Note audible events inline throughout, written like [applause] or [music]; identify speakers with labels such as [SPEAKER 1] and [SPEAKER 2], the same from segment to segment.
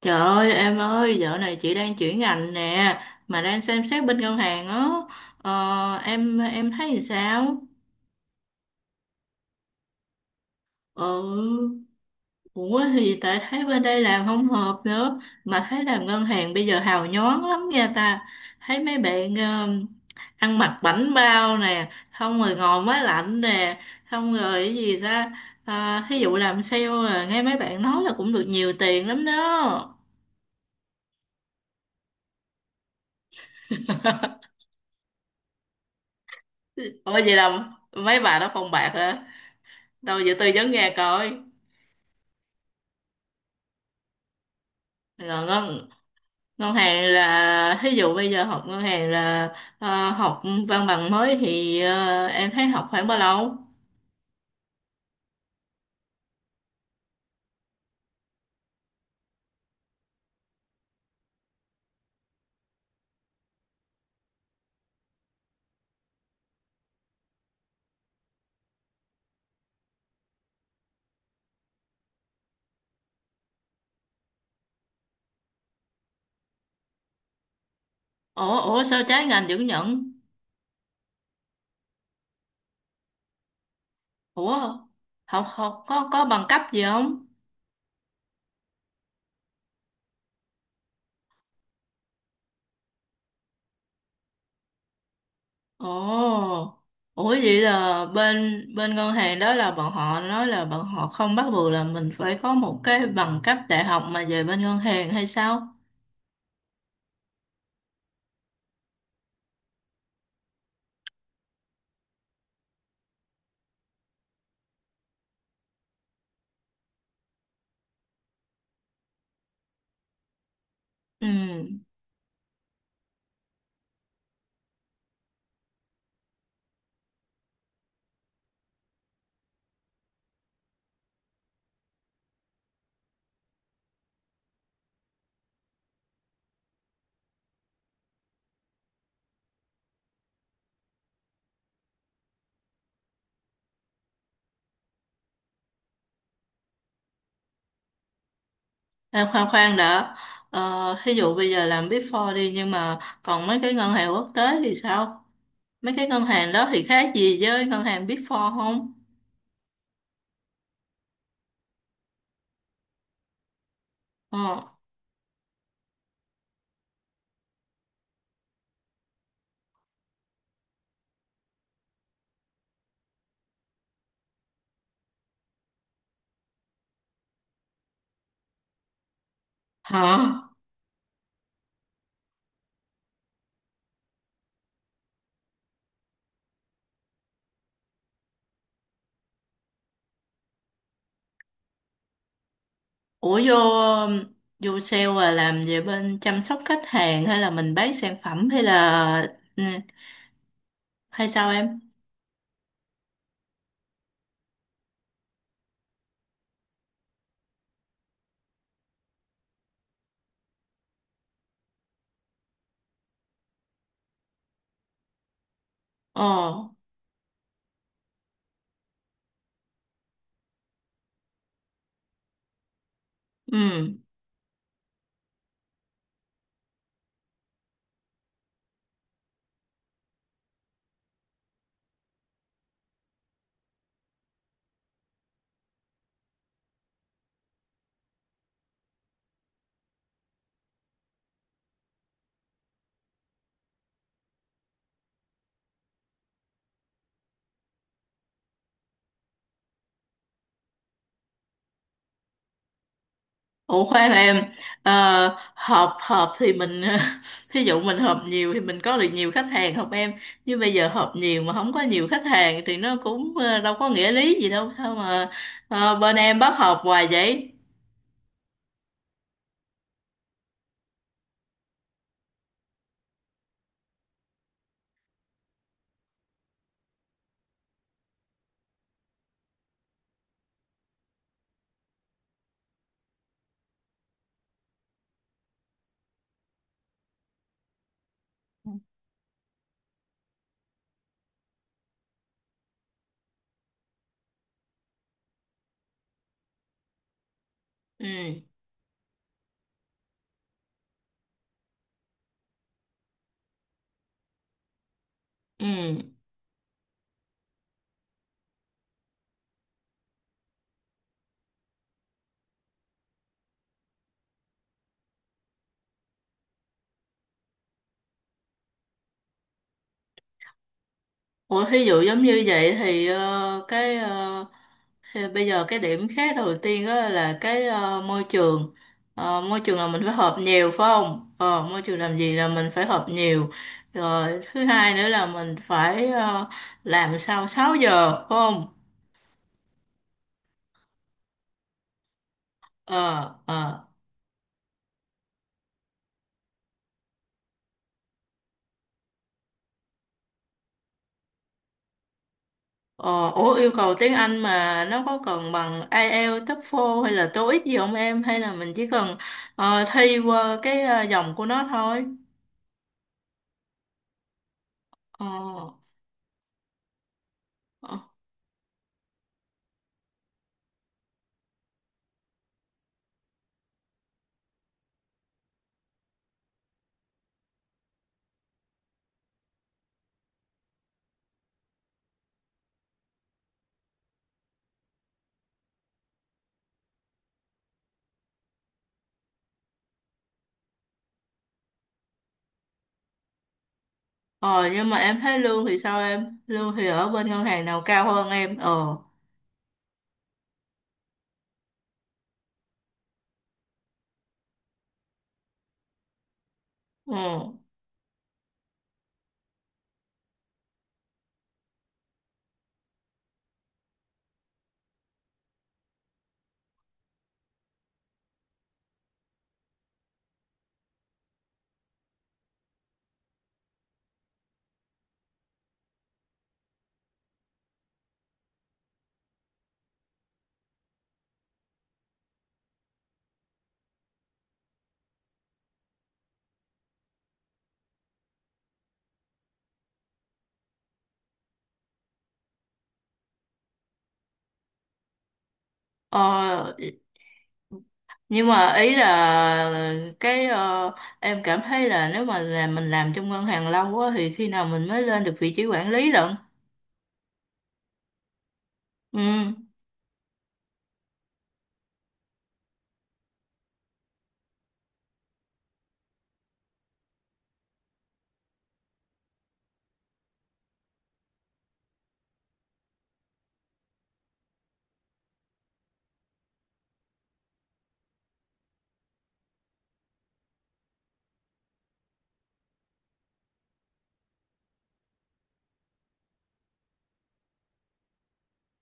[SPEAKER 1] Trời ơi em ơi, dạo này chị đang chuyển ngành nè, mà đang xem xét bên ngân hàng á. Ờ, em thấy thì sao? Ừ, ủa thì tại thấy bên đây làm không hợp nữa, mà thấy làm ngân hàng bây giờ hào nhoáng lắm nha ta. Thấy mấy bạn ăn mặc bảnh bao nè, không rồi ngồi máy lạnh nè, không rồi cái gì ta. À, thí dụ làm sale à, nghe mấy bạn nói là cũng được nhiều tiền lắm đó. Ủa vậy là mấy bà đó phong bạc hả? Đâu giờ tôi giống nghe coi rồi ngân ngân hàng là thí dụ bây giờ học ngân hàng là học văn bằng mới thì em thấy học khoảng bao lâu? Ủa ủa sao trái ngành vẫn nhận? Ủa học học có bằng cấp gì không? Ồ. Ủa vậy là bên bên ngân hàng đó là bọn họ nói là bọn họ không bắt buộc là mình phải có một cái bằng cấp đại học mà về bên ngân hàng hay sao? Ừ. Em khoan khoan đã. ờ, thí dụ bây giờ làm Big Four đi, nhưng mà còn mấy cái ngân hàng quốc tế thì sao? Mấy cái ngân hàng đó thì khác gì với ngân hàng Big Four không? Ờ. Hả. Ủa vô vô sale là làm về bên chăm sóc khách hàng hay là mình bán sản phẩm hay là ừ, hay sao em? Ờ. Ừ. Ủa khoan em, ờ, họp họp thì mình [laughs] thí dụ mình họp nhiều thì mình có được nhiều khách hàng không em? Chứ bây giờ họp nhiều mà không có nhiều khách hàng thì nó cũng đâu có nghĩa lý gì đâu, sao mà bên em bắt họp hoài vậy? Ừ. Ừ. Ủa, thí dụ giống như vậy thì cái thì bây giờ cái điểm khác đầu tiên đó là cái môi trường. Ờ, môi trường là mình phải họp nhiều phải không? Ờ, môi trường làm gì là mình phải họp nhiều, rồi thứ hai nữa là mình phải làm sau 6 giờ phải không? Ờ, ờ. Ờ, ủa yêu cầu tiếng Anh mà nó có cần bằng IELTS, TOEFL hay là TOEIC gì không em? Hay là mình chỉ cần thi qua cái dòng của nó thôi? Ờ. Ờ. Ờ nhưng mà em thấy lương thì sao em? Lương thì ở bên ngân hàng nào cao hơn em? Ờ. Ừ. Ờ nhưng mà ý là cái em cảm thấy là nếu mà là mình làm trong ngân hàng lâu á thì khi nào mình mới lên được vị trí quản lý lận? Ừ.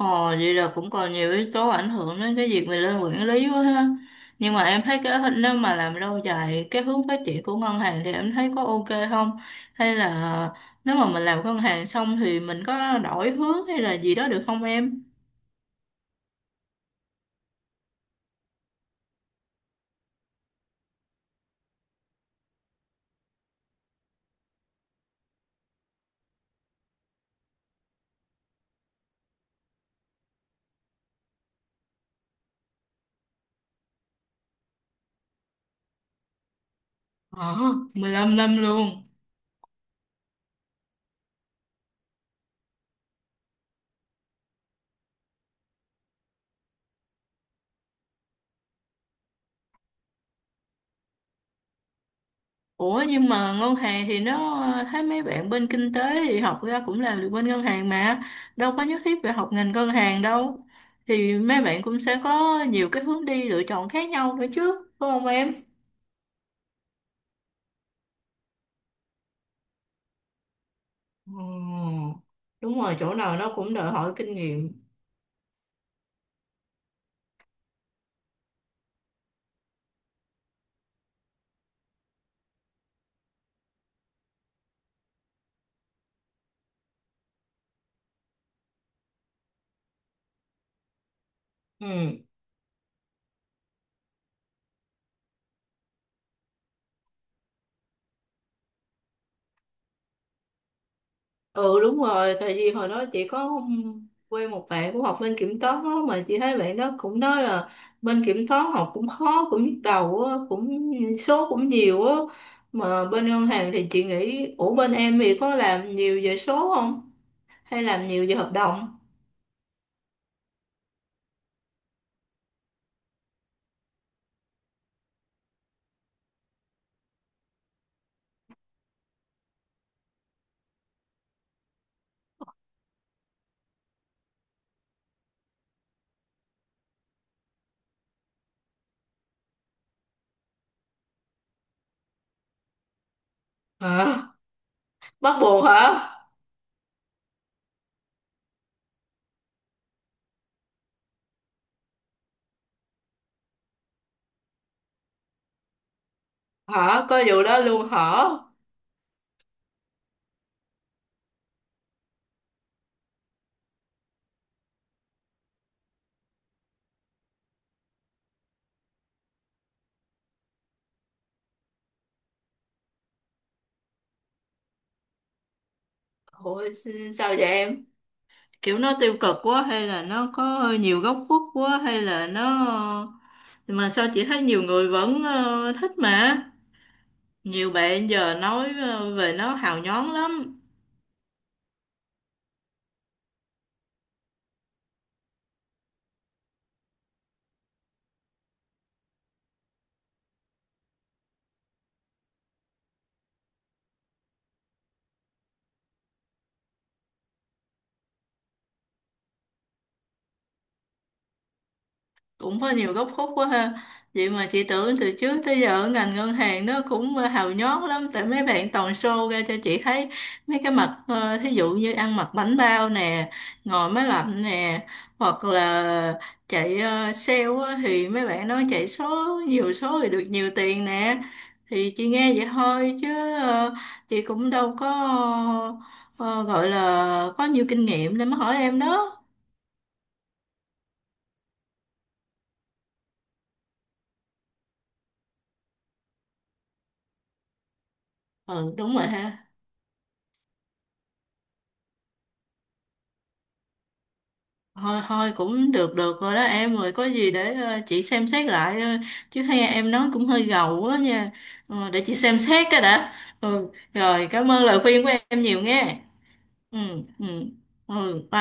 [SPEAKER 1] Ồ, vậy là cũng còn nhiều yếu tố ảnh hưởng đến cái việc mình lên quản lý quá ha. Nhưng mà em thấy cái hình- nếu mà làm lâu dài cái hướng phát triển của ngân hàng thì em thấy có ok không? Hay là nếu mà mình làm ngân hàng xong thì mình có đổi hướng hay là gì đó được không em? Ờ, 15 năm luôn. Ủa nhưng mà ngân hàng thì nó thấy mấy bạn bên kinh tế thì học ra cũng làm được bên ngân hàng mà, đâu có nhất thiết phải học ngành ngân hàng đâu, thì mấy bạn cũng sẽ có nhiều cái hướng đi lựa chọn khác nhau nữa chứ phải không em? Ừ, đúng rồi, chỗ nào nó cũng đòi hỏi kinh nghiệm. Ừ. Ừ đúng rồi, tại vì hồi đó chị có quen một bạn cũng học bên kiểm toán á, mà chị thấy bạn đó cũng nói là bên kiểm toán học cũng khó, cũng nhức đầu á, cũng số cũng nhiều á. Mà bên ngân hàng thì chị nghĩ, ủa bên em thì có làm nhiều về số không? Hay làm nhiều về hợp đồng? Hả? Bắt buộc hả? Hả? Có vụ đó luôn hả? Ủa sao vậy em? Kiểu nó tiêu cực quá hay là nó có nhiều góc khuất quá hay là nó, mà sao chị thấy nhiều người vẫn thích mà, nhiều bạn giờ nói về nó hào nhoáng lắm, cũng có nhiều góc khuất quá ha. Vậy mà chị tưởng từ trước tới giờ ở ngành ngân hàng nó cũng hào nhoáng lắm tại mấy bạn toàn show ra cho chị thấy mấy cái mặt thí dụ như ăn mặc bánh bao nè, ngồi máy lạnh nè, hoặc là chạy sale á, thì mấy bạn nói chạy số nhiều số thì được nhiều tiền nè, thì chị nghe vậy thôi chứ chị cũng đâu có ờ, gọi là có nhiều kinh nghiệm để mà hỏi em đó. Ừ đúng rồi ha. Thôi thôi, cũng được được rồi đó em, rồi có gì để chị xem xét lại, chứ hay em nói cũng hơi gầu quá nha. Ờ, để chị xem xét cái đã. Ừ, rồi cảm ơn lời khuyên của em nhiều nghe. Ừ. Ừ. Ừ.